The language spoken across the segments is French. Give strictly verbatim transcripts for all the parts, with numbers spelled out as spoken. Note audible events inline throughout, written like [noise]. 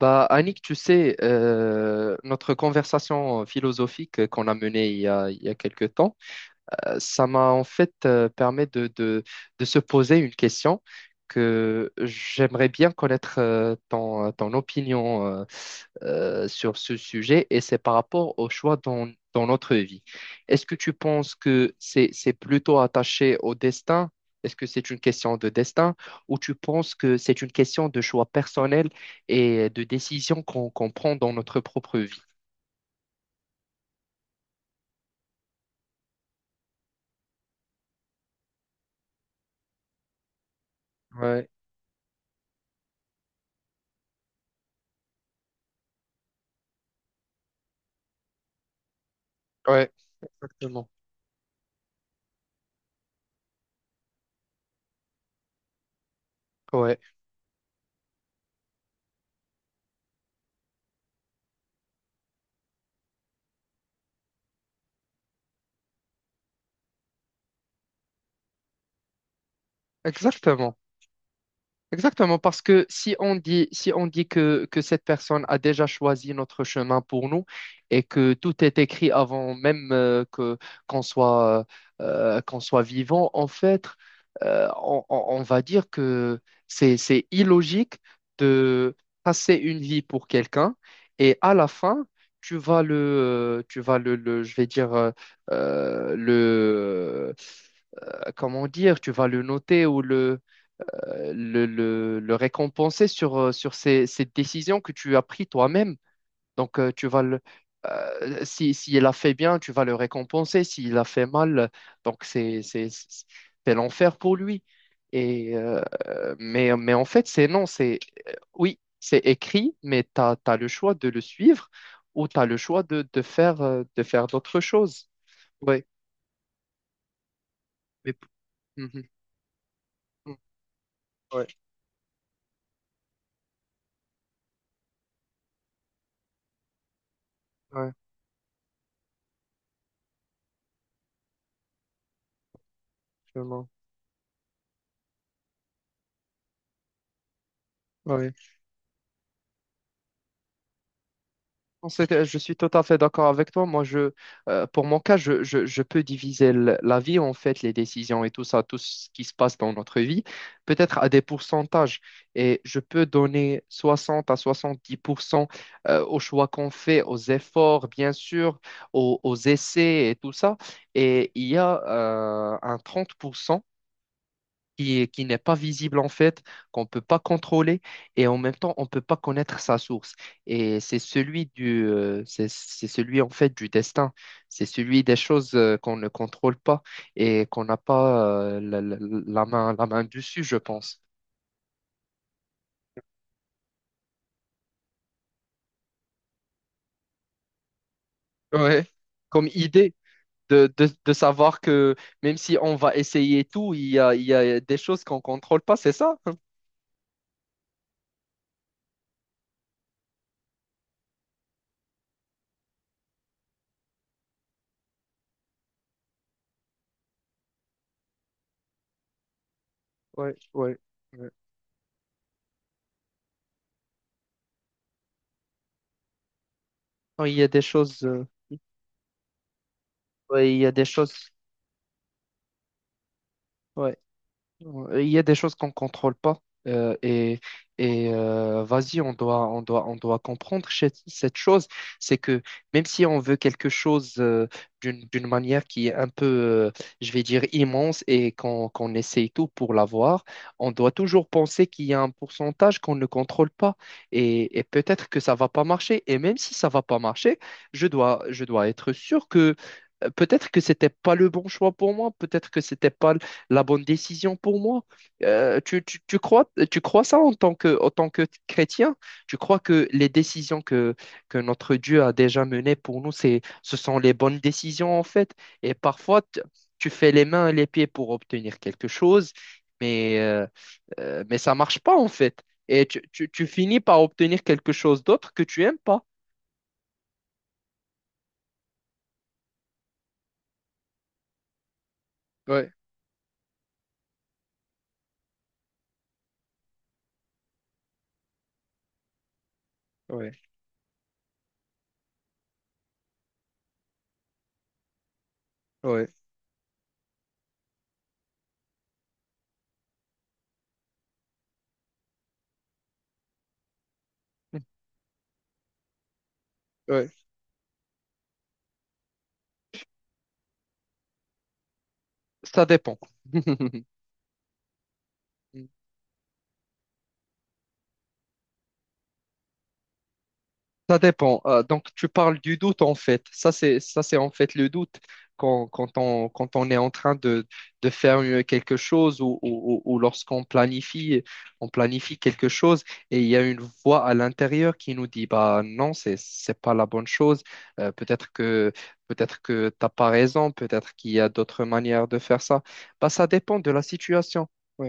Bah, Annick, tu sais, euh, notre conversation philosophique qu'on a menée il y a, il y a quelques temps, ça m'a en fait euh, permis de, de, de se poser une question que j'aimerais bien connaître euh, ton, ton opinion euh, euh, sur ce sujet et c'est par rapport au choix dans, dans notre vie. Est-ce que tu penses que c'est, c'est plutôt attaché au destin? Est-ce que c'est une question de destin ou tu penses que c'est une question de choix personnel et de décision qu'on qu'on prend dans notre propre vie? Ouais, ouais, exactement. Ouais, exactement. Exactement, parce que si on dit, si on dit que, que cette personne a déjà choisi notre chemin pour nous et que tout est écrit avant même euh, que qu'on soit, euh, qu'on soit vivant, en fait. Euh, on, on- on va dire que c'est, c'est illogique de passer une vie pour quelqu'un et à la fin, tu vas le, euh, tu vas le, le- je vais dire, euh, euh, le, euh, comment dire, tu vas le noter ou le euh, le, le- le récompenser sur, euh, sur ces, ces décisions que tu as prises toi-même. Donc, euh, tu vas le, euh, si, si il a fait bien, tu vas le récompenser. S'il a fait mal, euh, donc c'est, c'est, c'est c'est l'enfer pour lui. Et, euh, mais, mais en fait, c'est non, c'est euh, oui, c'est écrit, mais tu as le choix de le suivre ou tu as le choix de, de faire, euh, de faire d'autres choses. Ouais. Mais- Mhm. Ouais, ouais, absolument. Ouais. Non, c'est- je suis tout à fait d'accord avec toi. Moi, je, euh, pour mon cas, je, je- je peux diviser l- la vie, en fait, les décisions et tout ça, tout ce qui se passe dans notre vie, peut-être à des pourcentages. Et je peux donner soixante à soixante-dix pour cent euh, aux choix qu'on fait, aux efforts, bien sûr, aux, aux essais et tout ça. Et il y a euh, un trente pour cent qui, qui n'est pas visible en fait, qu'on ne peut pas contrôler et en même temps on ne peut pas connaître sa source. Et c'est celui du, euh, c'est, c'est celui en fait du destin, c'est celui des choses euh, qu'on ne contrôle pas et qu'on n'a pas euh, la, la- la main, la main dessus, je pense. Ouais. Comme idée. De, de, de savoir que même si on va essayer tout, il y a, il y a des choses qu'on ne contrôle pas, c'est ça? Ouais, ouais, ouais. Non, il y a des choses, euh, ouais, il y a des choses. Ouais. Il y a des choses qu'on contrôle pas, euh, et et euh, vas-y, on doit on doit on doit comprendre cette cette chose. C'est que même si on veut quelque chose euh, d'une d'une manière qui est un peu euh, je vais dire immense et qu'on qu'on essaye tout pour l'avoir, on doit toujours penser qu'il y a un pourcentage qu'on ne contrôle pas et, et peut-être que ça va pas marcher, et même si ça va pas marcher, je dois je dois être sûr que euh, peut-être que c'était pas le bon choix pour moi, peut-être que c'était pas la bonne décision pour moi. Euh, tu, tu- tu crois, tu crois ça en tant que, en tant que chrétien? Tu crois que les décisions que, que notre Dieu a déjà menées pour nous, c'est, ce sont les bonnes décisions en fait. Et parfois, t- tu fais les mains et les pieds pour obtenir quelque chose, mais, euh, euh, mais ça marche pas en fait. Et tu, tu- tu finis par obtenir quelque chose d'autre que tu aimes pas. Ouais, ouais, ouais, ouais. Ça dépend. [laughs] Ça dépend. Euh, donc, tu parles du doute, en fait. Ça, c'est, ça, c'est en fait le doute quand, quand on, quand on est en train de, de faire euh, quelque chose ou, ou- ou- ou lorsqu'on planifie, on planifie quelque chose et il y a une voix à l'intérieur qui nous dit, bah non, c'est, c'est pas la bonne chose. Euh, peut-être que, peut-être que t'as pas raison. Peut-être qu'il y a d'autres manières de faire ça. Bah, ça dépend de la situation. Oui,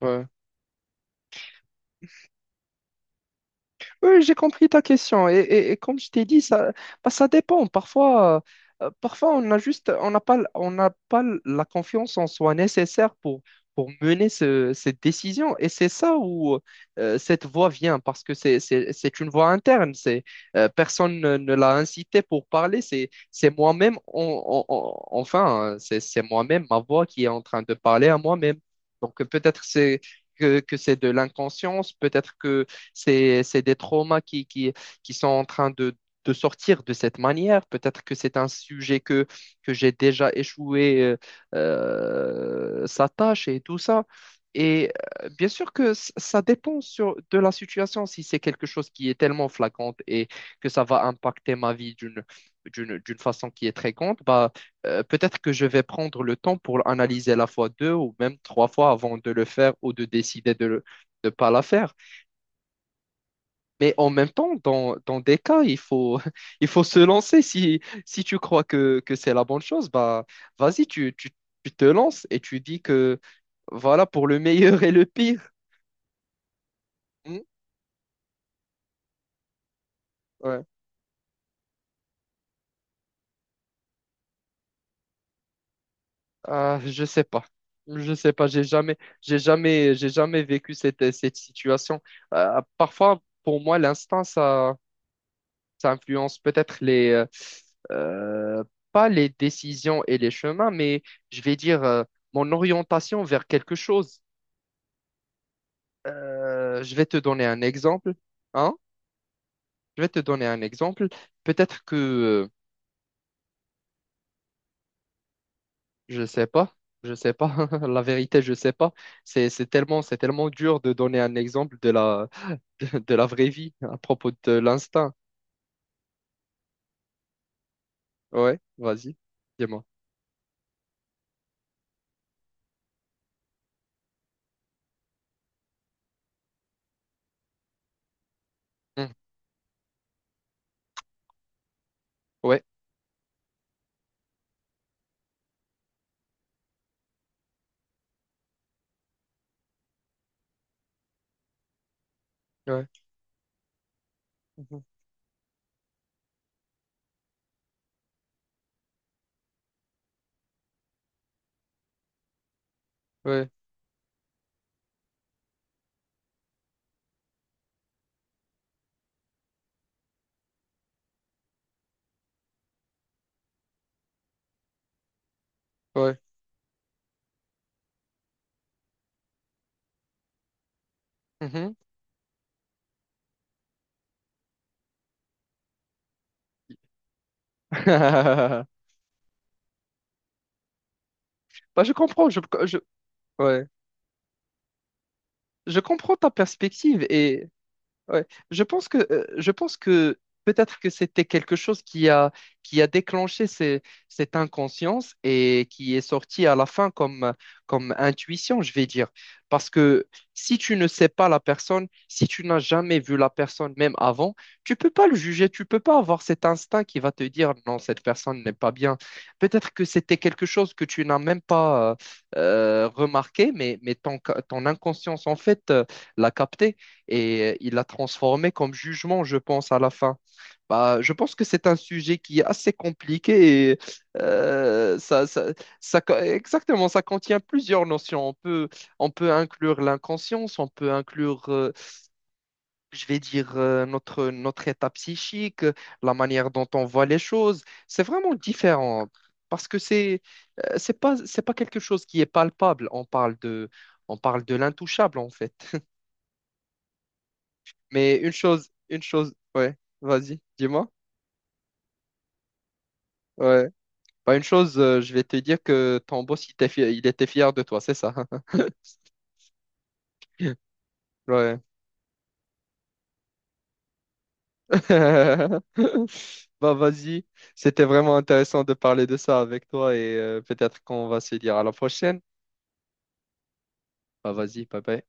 oui. Oui, j'ai compris ta question. Et, et- et comme je t'ai dit, ça, bah, ça dépend. Parfois, euh, parfois on a juste, on n'a pas, on n'a pas la confiance en soi nécessaire pour, pour mener ce- cette décision. Et c'est ça où euh, cette voix vient, parce que c'est, c'est, c'est une voix interne. C'est, euh, personne ne, ne l'a incité pour parler. C'est, c'est moi-même, on- on- on- enfin, hein, c'est, c'est moi-même, ma voix qui est en train de parler à moi-même. Donc peut-être c'est que, que c'est de l'inconscience, peut-être que c'est, c'est des traumas qui, qui, qui sont en train de, de sortir de cette manière. Peut-être que c'est un sujet que, que j'ai déjà échoué euh, euh, sa tâche et tout ça. Et euh, bien sûr que c- ça dépend sur, de la situation. Si c'est quelque chose qui est tellement flagrante et que ça va impacter ma vie d'une d'une d'une façon qui est très grande, bah, euh, peut-être que je vais prendre le temps pour analyser la fois deux ou même trois fois avant de le faire ou de décider de ne pas la faire. Mais en même temps, dans, dans des cas, il faut, [laughs] il faut se lancer. Si, si tu crois que, que c'est la bonne chose, bah, vas-y, tu, tu, tu te lances et tu dis que voilà pour le meilleur et le pire. Hmm, ouais. Ah, je sais pas. Je sais pas. J'ai jamais, j'ai jamais, j'ai jamais vécu cette, cette situation. Euh, parfois, pour moi, l'instinct, ça, ça influence peut-être les, euh, euh, pas les décisions et les chemins, mais je vais dire, euh, mon orientation vers quelque chose. Euh, je vais te donner un exemple. Hein? Je vais te donner un exemple. Peut-être que euh, je sais pas, je sais pas. [laughs] La vérité, je sais pas. C'est c'est tellement c'est tellement dur de donner un exemple de la [laughs] de de la vraie vie à propos de l'instinct. Ouais, vas-y, dis-moi. Hmm. Ouais, ouais, mhm. Ouais, ouais. Mhm. [laughs] Bah, je comprends. Je, je ouais. Je comprends ta perspective et ouais. Je pense que, euh, je pense que peut-être que c'était quelque chose qui a, qui a déclenché ce- cette inconscience et qui est sorti à la fin comme, comme intuition, je vais dire. Parce que si tu ne sais pas la personne, si tu n'as jamais vu la personne même avant, tu peux pas le juger, tu peux pas avoir cet instinct qui va te dire non, cette personne n'est pas bien. Peut-être que c'était quelque chose que tu n'as même pas euh, euh, remarqué, mais, mais ton, ton inconscience en fait euh, l'a capté et euh, il l'a transformé comme jugement, je pense, à la fin. Bah, je pense que c'est un sujet qui est assez compliqué, et euh, ça, ça, ça, co- exactement, ça contient plusieurs notions. On peut, on peut inclure l'inconscience, on peut inclure, euh, je vais dire, euh, notre, notre état psychique, euh, la manière dont on voit les choses. C'est vraiment différent parce que c'est, euh, c'est pas, c'est pas quelque chose qui est palpable. On parle de, on parle de l'intouchable en fait. Mais une chose, une chose, ouais, vas-y, dis-moi. Ouais. Bah, une chose, euh, je vais te dire que ton boss, il était fier, il était fier de toi, c'est ça. [laughs] Ouais. [laughs] Bah, vas-y. C'était vraiment intéressant de parler de ça avec toi et euh, peut-être qu'on va se dire à la prochaine. Bah, vas-y, bye bye.